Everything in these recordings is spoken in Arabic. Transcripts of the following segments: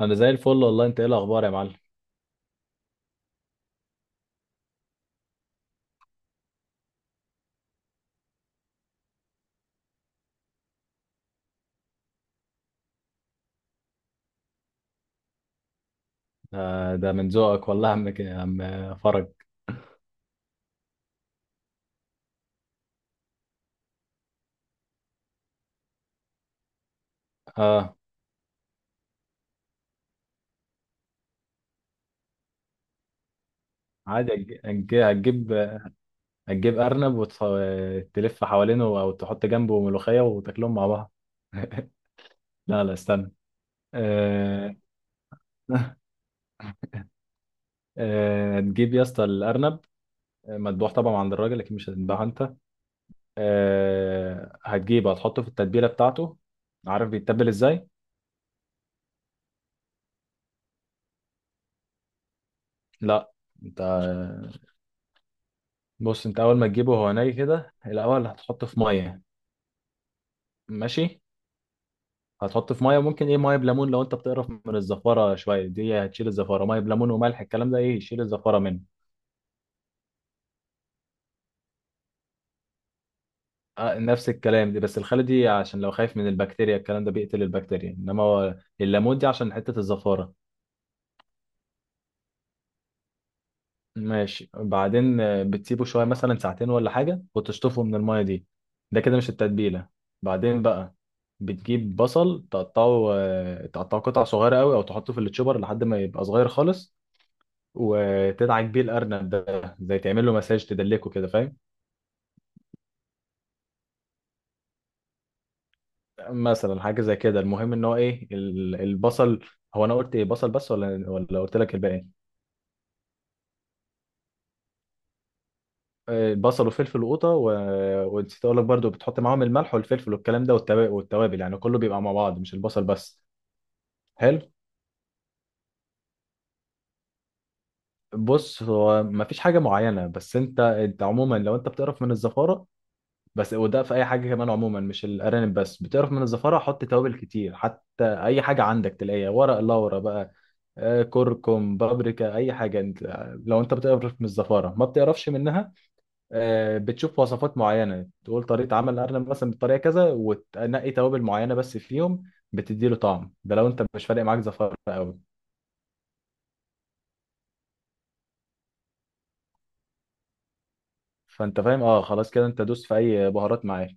انا زي الفل والله. انت ايه الاخبار يا معلم؟ ده من ذوقك والله يا عم، يا عم فرج. اه، عادي. هتجيب هتجيب ارنب وتلف حوالينه او تحط جنبه ملوخيه وتاكلهم مع بعض. لا لا استنى. آه، آه، هتجيب يا اسطى الارنب مذبوح طبعا عند الراجل، لكن مش هتذبحه انت. آه، هتجيبه هتحطه في التتبيله بتاعته. عارف بيتبل ازاي؟ لا. انت بص، انت اول ما تجيبه هو ني كده الاول هتحطه في ميه. ماشي، هتحط في ميه ممكن ايه، ميه بليمون، لو انت بتقرف من الزفاره شويه دي هتشيل الزفاره. ميه بليمون وملح، الكلام ده ايه يشيل الزفاره منه. آه نفس الكلام دي، بس الخل دي عشان لو خايف من البكتيريا، الكلام ده بيقتل البكتيريا، انما هو الليمون دي عشان حته الزفاره. ماشي بعدين، بتسيبه شويه مثلا ساعتين ولا حاجه وتشطفه من الميه دي. ده كده مش التتبيله. بعدين بقى بتجيب بصل تقطعه، تقطعه قطع صغيره قوي او تحطه في التشوبر لحد ما يبقى صغير خالص، وتدعك بيه الارنب ده، زي تعمل له مساج تدلكه كده فاهم. مثلا حاجه زي كده، المهم ان هو ايه البصل. هو انا قلت ايه، بصل بس ولا قلت لك الباقي؟ آه، بصل وفلفل وقوطه و... ونسيت اقول لك برضو بتحط معاهم الملح والفلفل والكلام ده والتوابل، يعني كله بيبقى مع بعض مش البصل بس. حلو. بص، هو مفيش حاجه معينه، بس انت انت عموما لو انت بتقرف من الزفاره بس، وده في اي حاجه كمان عموما مش الارانب بس، بتقرف من الزفاره حط توابل كتير، حتى اي حاجه عندك تلاقيها، ورق لورا بقى، كركم، بابريكا، اي حاجه انت. لو انت بتقرف من الزفاره ما بتقرفش منها، بتشوف وصفات معينه تقول طريقه عمل الارنب مثلا بالطريقه كذا وتنقي توابل معينه بس فيهم بتدي له طعم. ده لو انت مش فارق معاك زفاره قوي. فانت فاهم؟ اه خلاص كده، انت دوس في اي بهارات معاك.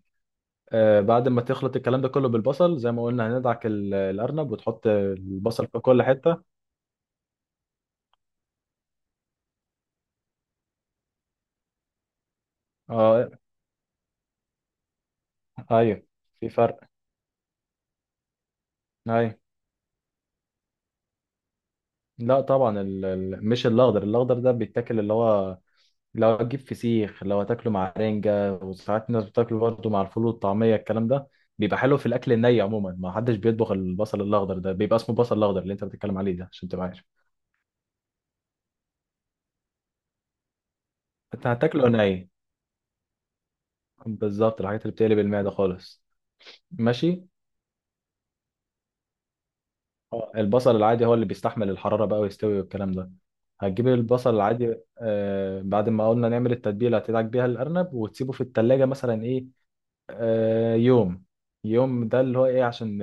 آه، بعد ما تخلط الكلام ده كله بالبصل زي ما قلنا هندعك الارنب وتحط البصل في كل حته. اه. ايوه، في فرق. ايوه. لا طبعا، مش الاخضر. الاخضر ده بيتاكل، اللي هو لو هتجيب فسيخ، لو هتاكله مع رنجة، وساعات الناس بتاكله برضه مع الفول والطعمية الكلام ده، بيبقى حلو في الأكل الني. عموما ما حدش بيطبخ البصل الأخضر ده، بيبقى اسمه بصل الأخضر اللي أنت بتتكلم عليه ده عشان تبقى عارف. أنت هتاكله ني. بالظبط، الحاجات اللي بتقلب المعدة خالص. ماشي. آه، البصل العادي هو اللي بيستحمل الحرارة بقى ويستوي والكلام ده. هتجيب البصل العادي. آه، بعد ما قلنا نعمل التتبيلة هتدعك بيها الأرنب وتسيبه في التلاجة مثلا إيه، آه، يوم. يوم ده اللي هو ايه، عشان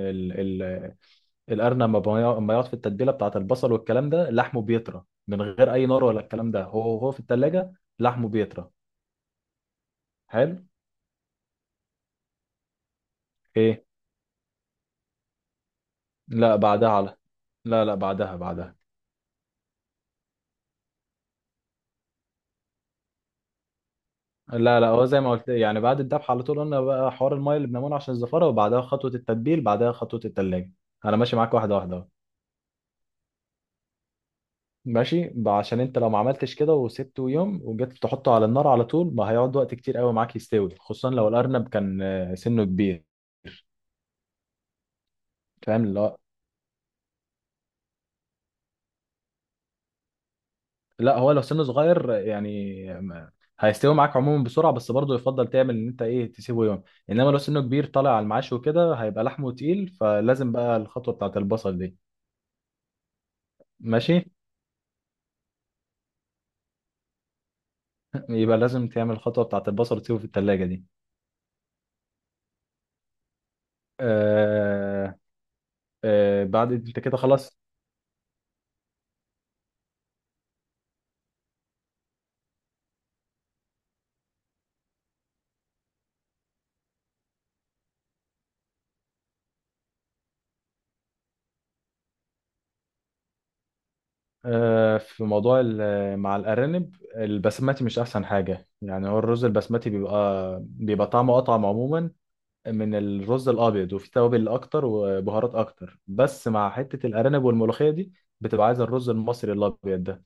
القرن لما يقعد في التتبيله بتاعت البصل والكلام ده لحمه بيطرى من غير اي نار ولا الكلام ده، هو هو في التلاجة لحمه بيطرى. حلو. ايه؟ لا بعدها، على، لا لا، بعدها بعدها. لا لا، هو زي ما قلت يعني، بعد الذبح على طول قلنا بقى حوار المايه اللي بنعمله عشان الزفاره، وبعدها خطوه التتبيل، بعدها خطوه التلاجة. انا ماشي معاك واحده واحده أهو. ماشي، عشان انت لو ما عملتش كده وسبته يوم وجيت تحطه على النار على طول، ما هيقعد وقت كتير قوي معاك يستوي، خصوصا لو الارنب كان سنه كبير. فاهم؟ لا، لا هو لو سنه صغير يعني هيستوي معاك عموما بسرعه، بس برضه يفضل تعمل ان انت ايه تسيبه يوم. انما لو سنه كبير طالع على المعاش وكده، هيبقى لحمه تقيل، فلازم بقى الخطوه بتاعت البصل دي. ماشي. يبقى لازم تعمل الخطوه بتاعت البصل وتسيبه في الثلاجه دي. آه. آه، بعد انت كده خلاص. آه، في موضوع مع الارانب، البسمتي مش احسن حاجه يعني. هو الرز البسمتي بيبقى طعمه اطعم عموما من الرز الابيض وفي توابل اكتر وبهارات اكتر، بس مع حته الارانب والملوخيه دي بتبقى عايزه الرز المصري الابيض ده.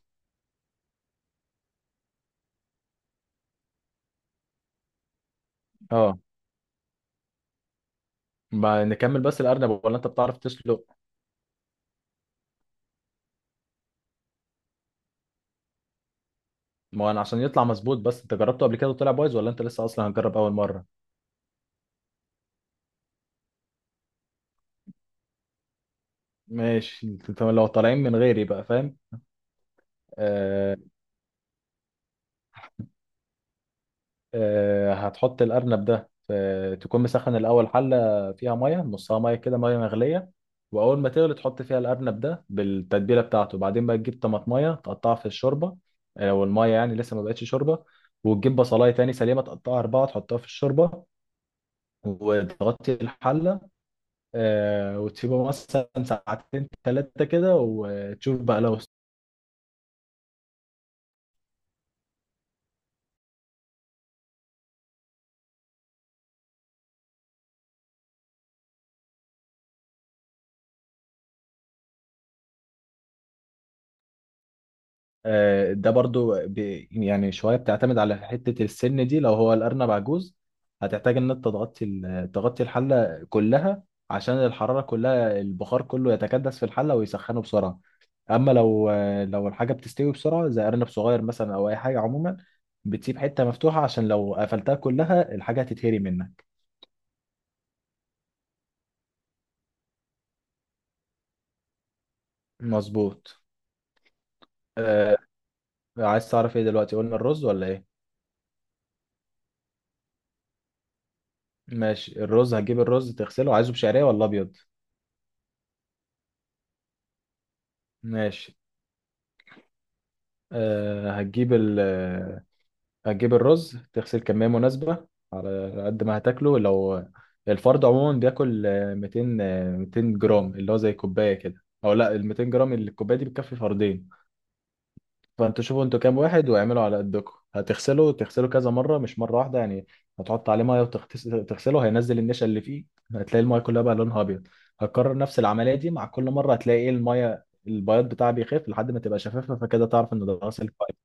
اه. ما نكمل بس الارنب، ولا انت بتعرف تسلق؟ ما انا عشان يطلع مظبوط. بس انت جربته قبل كده وطلع بايظ، ولا انت لسه اصلا هنجرب اول مره؟ ماشي، انت لو طالعين من غيري بقى فاهم. آه، هتحط الأرنب ده تكون مسخن الأول حلة فيها مية، نصها مية كده، مية مغلية. وأول ما تغلي تحط فيها الأرنب ده بالتتبيلة بتاعته. بعدين بقى تجيب طماطمية تقطعها في الشوربة، لو المية يعني لسه ما بقتش شوربة. وتجيب بصلاية تاني سليمة تقطعها أربعة تحطها في الشوربة وتغطي الحلة. آه، وتسيبه مثلا ساعتين تلاتة كده وتشوف بقى لو. ده برضو يعني شوية بتعتمد على حتة السن دي. لو هو الأرنب عجوز هتحتاج إن أنت تغطي تغطي الحلة كلها، عشان الحرارة كلها البخار كله يتكدس في الحلة ويسخنه بسرعة. أما لو لو الحاجة بتستوي بسرعة زي أرنب صغير مثلا أو أي حاجة عموما، بتسيب حتة مفتوحة، عشان لو قفلتها كلها الحاجة هتتهري منك. مظبوط. أه. عايز تعرف إيه دلوقتي، قلنا الرز ولا إيه؟ ماشي، الرز هتجيب الرز تغسله. عايزه بشعرية ولا أبيض؟ ماشي. آه، هتجيب ال آه، هتجيب الرز تغسل كمية مناسبة على قد ما هتاكله. لو الفرد عموما بياكل 200 200 جرام، اللي هو زي كوباية كده، او لا ال 200 جرام اللي الكوباية دي بتكفي فردين. فانتوا شوفوا انتوا كام واحد واعملوا على قدكم. هتغسله، تغسله كذا مرة مش مرة واحدة يعني. هتحط عليه مية وتغسله، هينزل النشا اللي فيه، هتلاقي المية كلها بقى لونها ابيض. هتكرر نفس العملية دي، مع كل مرة هتلاقي ايه المية البياض بتاعها بيخف لحد ما تبقى شفافة، فكده تعرف ان ده غسل كويس.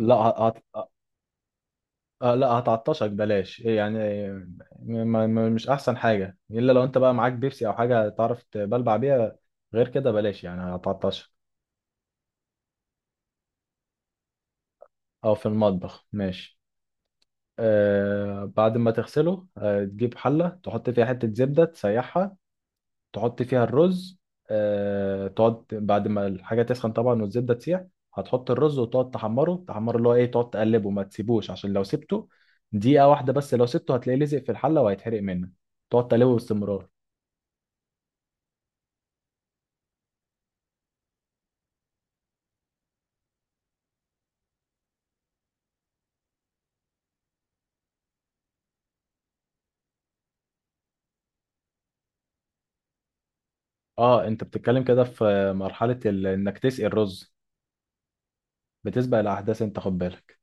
لا هت... هت- آه، لا، هتعطشك، بلاش إيه يعني. م... مش احسن حاجه، الا لو انت بقى معاك بيبسي او حاجه تعرف تبلبع بيها، غير كده بلاش يعني هتعطشك. او في المطبخ. ماشي. آه، بعد ما تغسله آه تجيب حله تحط فيها حته زبده تسيحها، تحط فيها الرز. آه، تقعد بعد ما الحاجة تسخن طبعا والزبدة تسيح، هتحط الرز وتقعد تحمره تحمره، اللي هو ايه، تقعد تقلبه ما تسيبوش، عشان لو سبته دقيقة واحدة بس لو سبته هتلاقيه لزق في الحلة وهيتحرق منك. تقعد تقلبه باستمرار. اه، انت بتتكلم كده في مرحلة انك تسقي الرز. بتسبق الأحداث انت، خد بالك.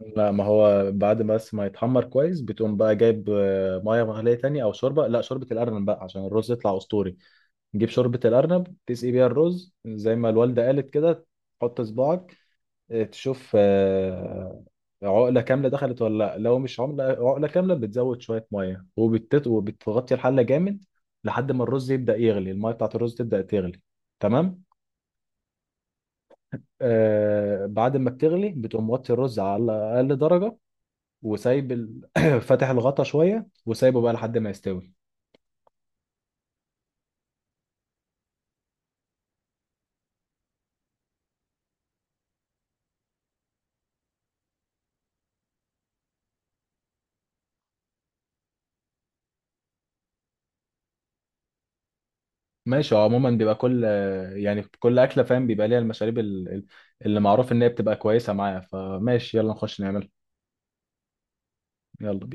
لا، ما هو بعد بس ما يتحمر كويس بتقوم بقى جايب ميه مغليه تاني او شوربه، لا شوربه الارنب بقى عشان الرز يطلع اسطوري. تجيب شوربة الأرنب تسقي بيها الرز زي ما الوالدة قالت كده. تحط صباعك، تشوف عقلة كاملة دخلت ولا لأ. لو مش عملة عقلة كاملة بتزود شوية مية وبتغطي الحلة جامد لحد ما الرز يبدأ يغلي، المية بتاعت الرز تبدأ تغلي. تمام. آه، بعد ما بتغلي بتقوم موطي الرز على أقل درجة، وسايب فاتح الغطا شوية وسايبه بقى لحد ما يستوي. ماشي. هو عموما بيبقى كل، يعني كل اكله فاهم بيبقى ليها المشاريب اللي معروف ان هي بتبقى كويسه معايا، فماشي، يلا نخش نعملها. يلا بينا.